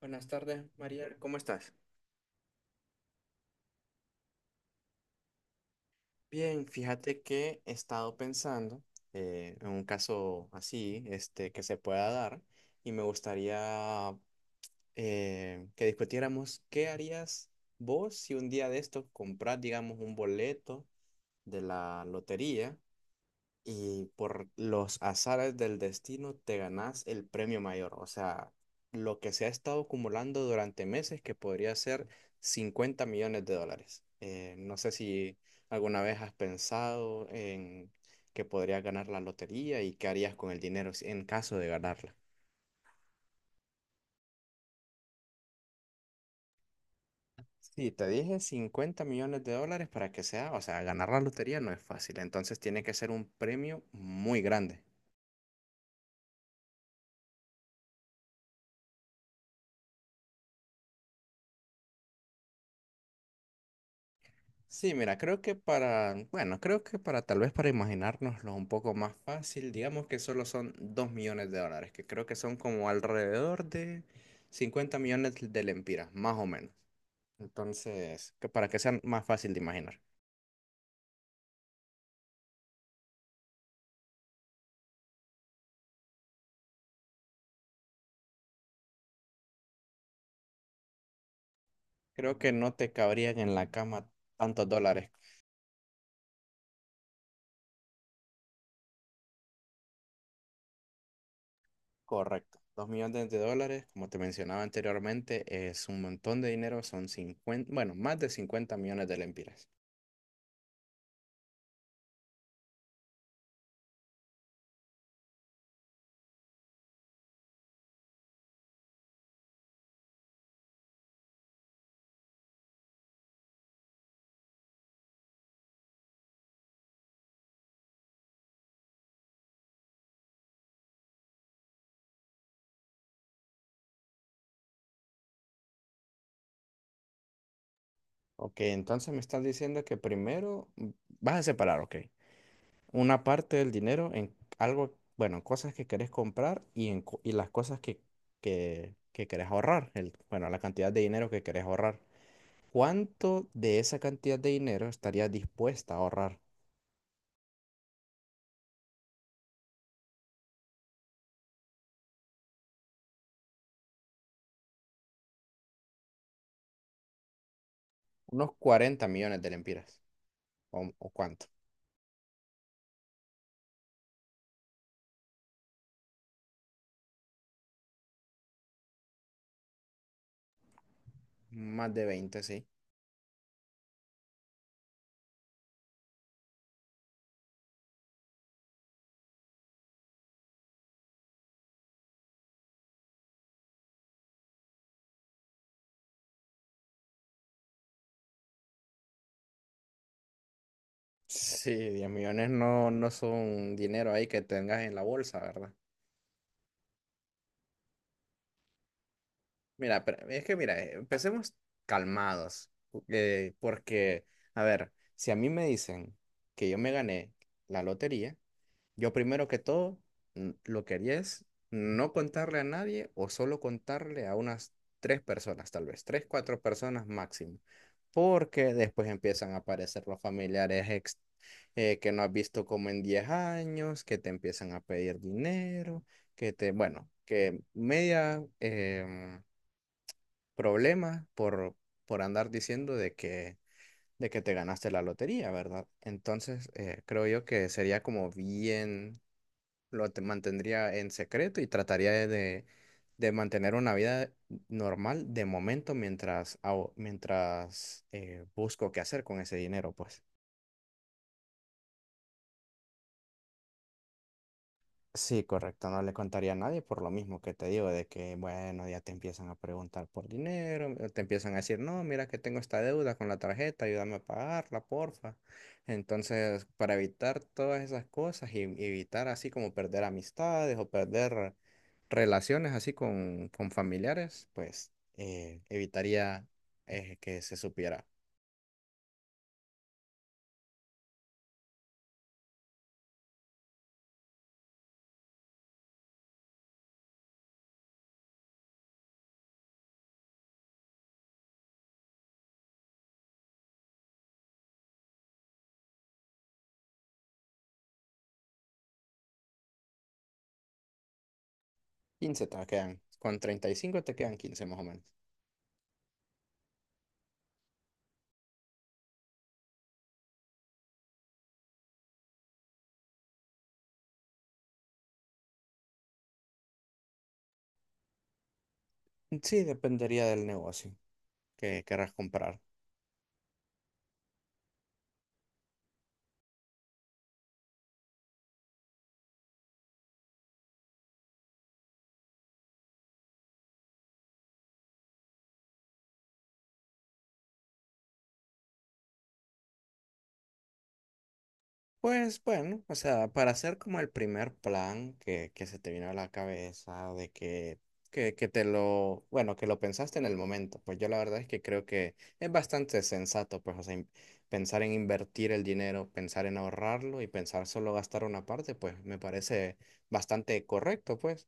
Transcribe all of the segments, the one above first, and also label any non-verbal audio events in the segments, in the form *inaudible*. Buenas tardes, María. ¿Cómo estás? Bien, fíjate que he estado pensando, en un caso así, este, que se pueda dar, y me gustaría que discutiéramos qué harías vos si un día de estos compras, digamos, un boleto de la lotería y por los azares del destino te ganás el premio mayor. O sea, lo que se ha estado acumulando durante meses que podría ser 50 millones de dólares. No sé si alguna vez has pensado en que podrías ganar la lotería y qué harías con el dinero en caso de ganarla. Sí, te dije 50 millones de dólares para que sea, o sea, ganar la lotería no es fácil, entonces tiene que ser un premio muy grande. Sí, mira, creo que para, bueno, creo que para tal vez para imaginárnoslo un poco más fácil, digamos que solo son 2 millones de dólares, que creo que son como alrededor de 50 millones de lempiras, más o menos. Entonces, que para que sea más fácil de imaginar. Creo que no te cabrían en la cama tantos dólares. Correcto. Dos millones de dólares, como te mencionaba anteriormente, es un montón de dinero, son 50, bueno, más de 50 millones de lempiras. Ok, entonces me estás diciendo que primero, vas a separar, ok, una parte del dinero en algo, bueno, cosas que querés comprar y las cosas que querés ahorrar, el, bueno, la cantidad de dinero que querés ahorrar. ¿Cuánto de esa cantidad de dinero estarías dispuesta a ahorrar? ¿Unos 40 millones de lempiras, o cuánto? Más de 20, sí. Sí, 10 millones no, no son dinero ahí que tengas en la bolsa, ¿verdad? Mira, pero es que mira, empecemos calmados, porque, a ver, si a mí me dicen que yo me gané la lotería, yo primero que todo, lo que haría es no contarle a nadie o solo contarle a unas tres personas, tal vez, tres, cuatro personas máximo, porque después empiezan a aparecer los familiares que no has visto como en 10 años, que te empiezan a pedir dinero, que te, bueno, que media, problemas por andar diciendo de que te ganaste la lotería, ¿verdad? Entonces, creo yo que sería como bien, lo te mantendría en secreto y trataría de mantener una vida normal de momento mientras, mientras busco qué hacer con ese dinero, pues. Sí, correcto, no le contaría a nadie por lo mismo que te digo, de que, bueno, ya te empiezan a preguntar por dinero, te empiezan a decir, no, mira que tengo esta deuda con la tarjeta, ayúdame a pagarla, porfa. Entonces, para evitar todas esas cosas y evitar así como perder amistades o perder relaciones así con familiares, pues evitaría, que se supiera. 15 te quedan, con 35 te quedan 15 más o menos. Sí, dependería del negocio que querrás comprar. Pues bueno, o sea, para hacer como el primer plan que se te vino a la cabeza, de que, que te lo, bueno, que lo pensaste en el momento, pues yo la verdad es que creo que es bastante sensato, pues, o sea, pensar en invertir el dinero, pensar en ahorrarlo y pensar solo gastar una parte, pues me parece bastante correcto, pues.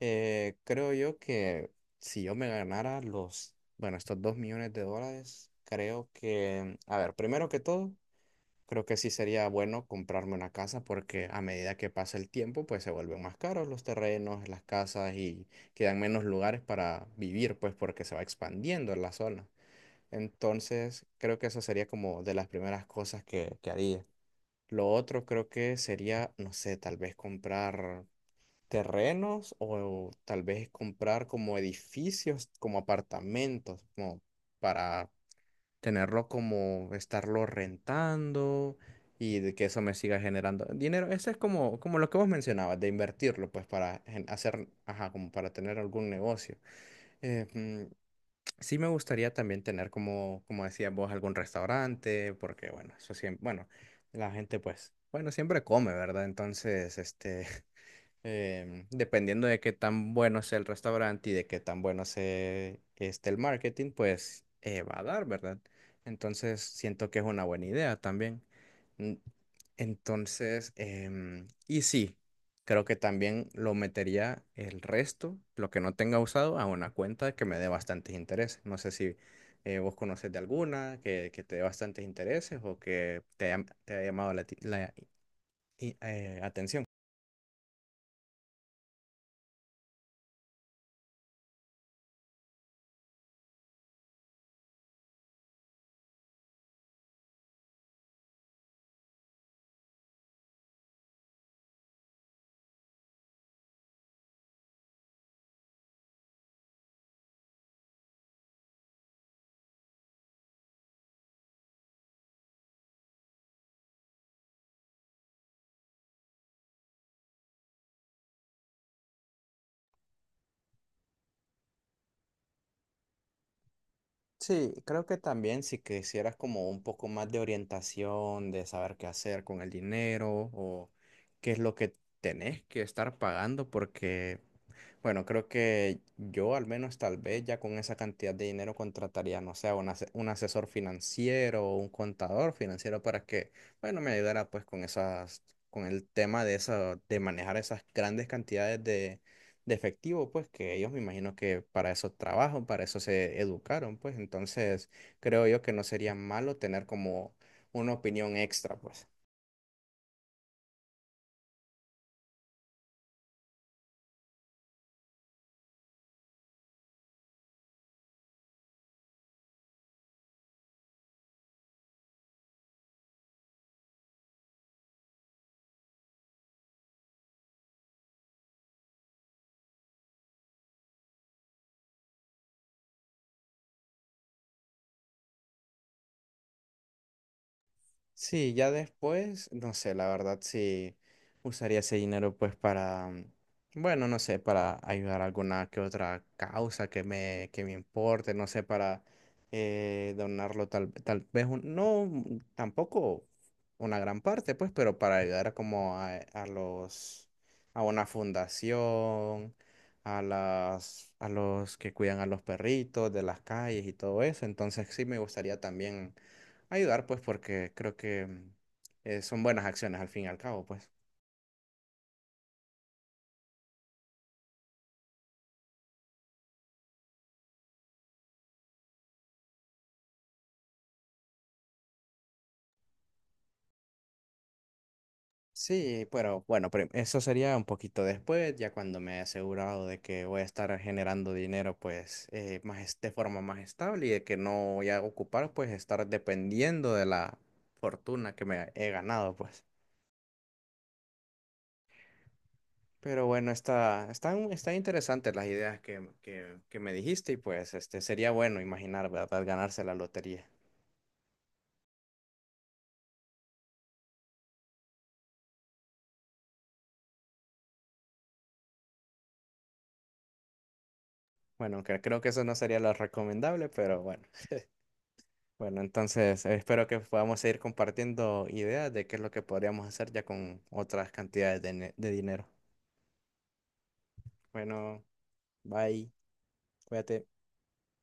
Creo yo que si yo me ganara los, bueno, estos 2 millones de dólares, creo que, a ver, primero que todo. Creo que sí sería bueno comprarme una casa porque a medida que pasa el tiempo, pues se vuelven más caros los terrenos, las casas y quedan menos lugares para vivir, pues porque se va expandiendo la zona. Entonces, creo que eso sería como de las primeras cosas que haría. Lo otro creo que sería, no sé, tal vez comprar terrenos o tal vez comprar como edificios, como apartamentos, como para tenerlo como estarlo rentando y de que eso me siga generando dinero. Eso es como, como lo que vos mencionabas, de invertirlo, pues para hacer, ajá, como para tener algún negocio. Eh, mm, sí me gustaría también tener como, como decías vos, algún restaurante, porque bueno, eso siempre, bueno, la gente pues, bueno, siempre come, ¿verdad? Entonces, este, *laughs* dependiendo de qué tan bueno sea el restaurante y de qué tan bueno sea este el marketing, pues va a dar, ¿verdad? Entonces siento que es una buena idea también. Mm, Entonces, y sí, creo que también lo metería el resto, lo que no tenga usado, a una cuenta que me dé bastantes intereses. No sé si vos conoces de alguna que te dé bastantes intereses o que te haya llamado la atención. Sí, creo que también si quisieras como un poco más de orientación, de saber qué hacer con el dinero o qué es lo que tenés que estar pagando, porque bueno, creo que yo al menos tal vez ya con esa cantidad de dinero contrataría, no sé, un asesor financiero o un contador financiero para que, bueno, me ayudara pues con esas, con el tema de esa, de manejar esas grandes cantidades de efectivo, pues que ellos me imagino que para eso trabajan, para eso se educaron, pues entonces creo yo que no sería malo tener como una opinión extra, pues. Sí, ya después, no sé, la verdad sí usaría ese dinero pues para, bueno, no sé, para ayudar a alguna que otra causa que me importe, no sé, para donarlo, tal vez, no, tampoco una gran parte pues, pero para ayudar como a una fundación, a los que cuidan a los perritos de las calles y todo eso, entonces sí me gustaría también ayudar, pues, porque creo que son buenas acciones al fin y al cabo, pues. Sí, pero bueno, eso sería un poquito después, ya cuando me he asegurado de que voy a estar generando dinero, pues, de forma más estable y de que no voy a ocupar, pues, estar dependiendo de la fortuna que me he ganado, pues. Pero bueno, están interesantes las ideas que me dijiste y pues este sería bueno imaginar, ¿verdad? Ganarse la lotería. Bueno, aunque creo que eso no sería lo recomendable, pero bueno. Bueno, entonces espero que podamos seguir compartiendo ideas de qué es lo que podríamos hacer ya con otras cantidades de dinero. Bueno, bye, cuídate.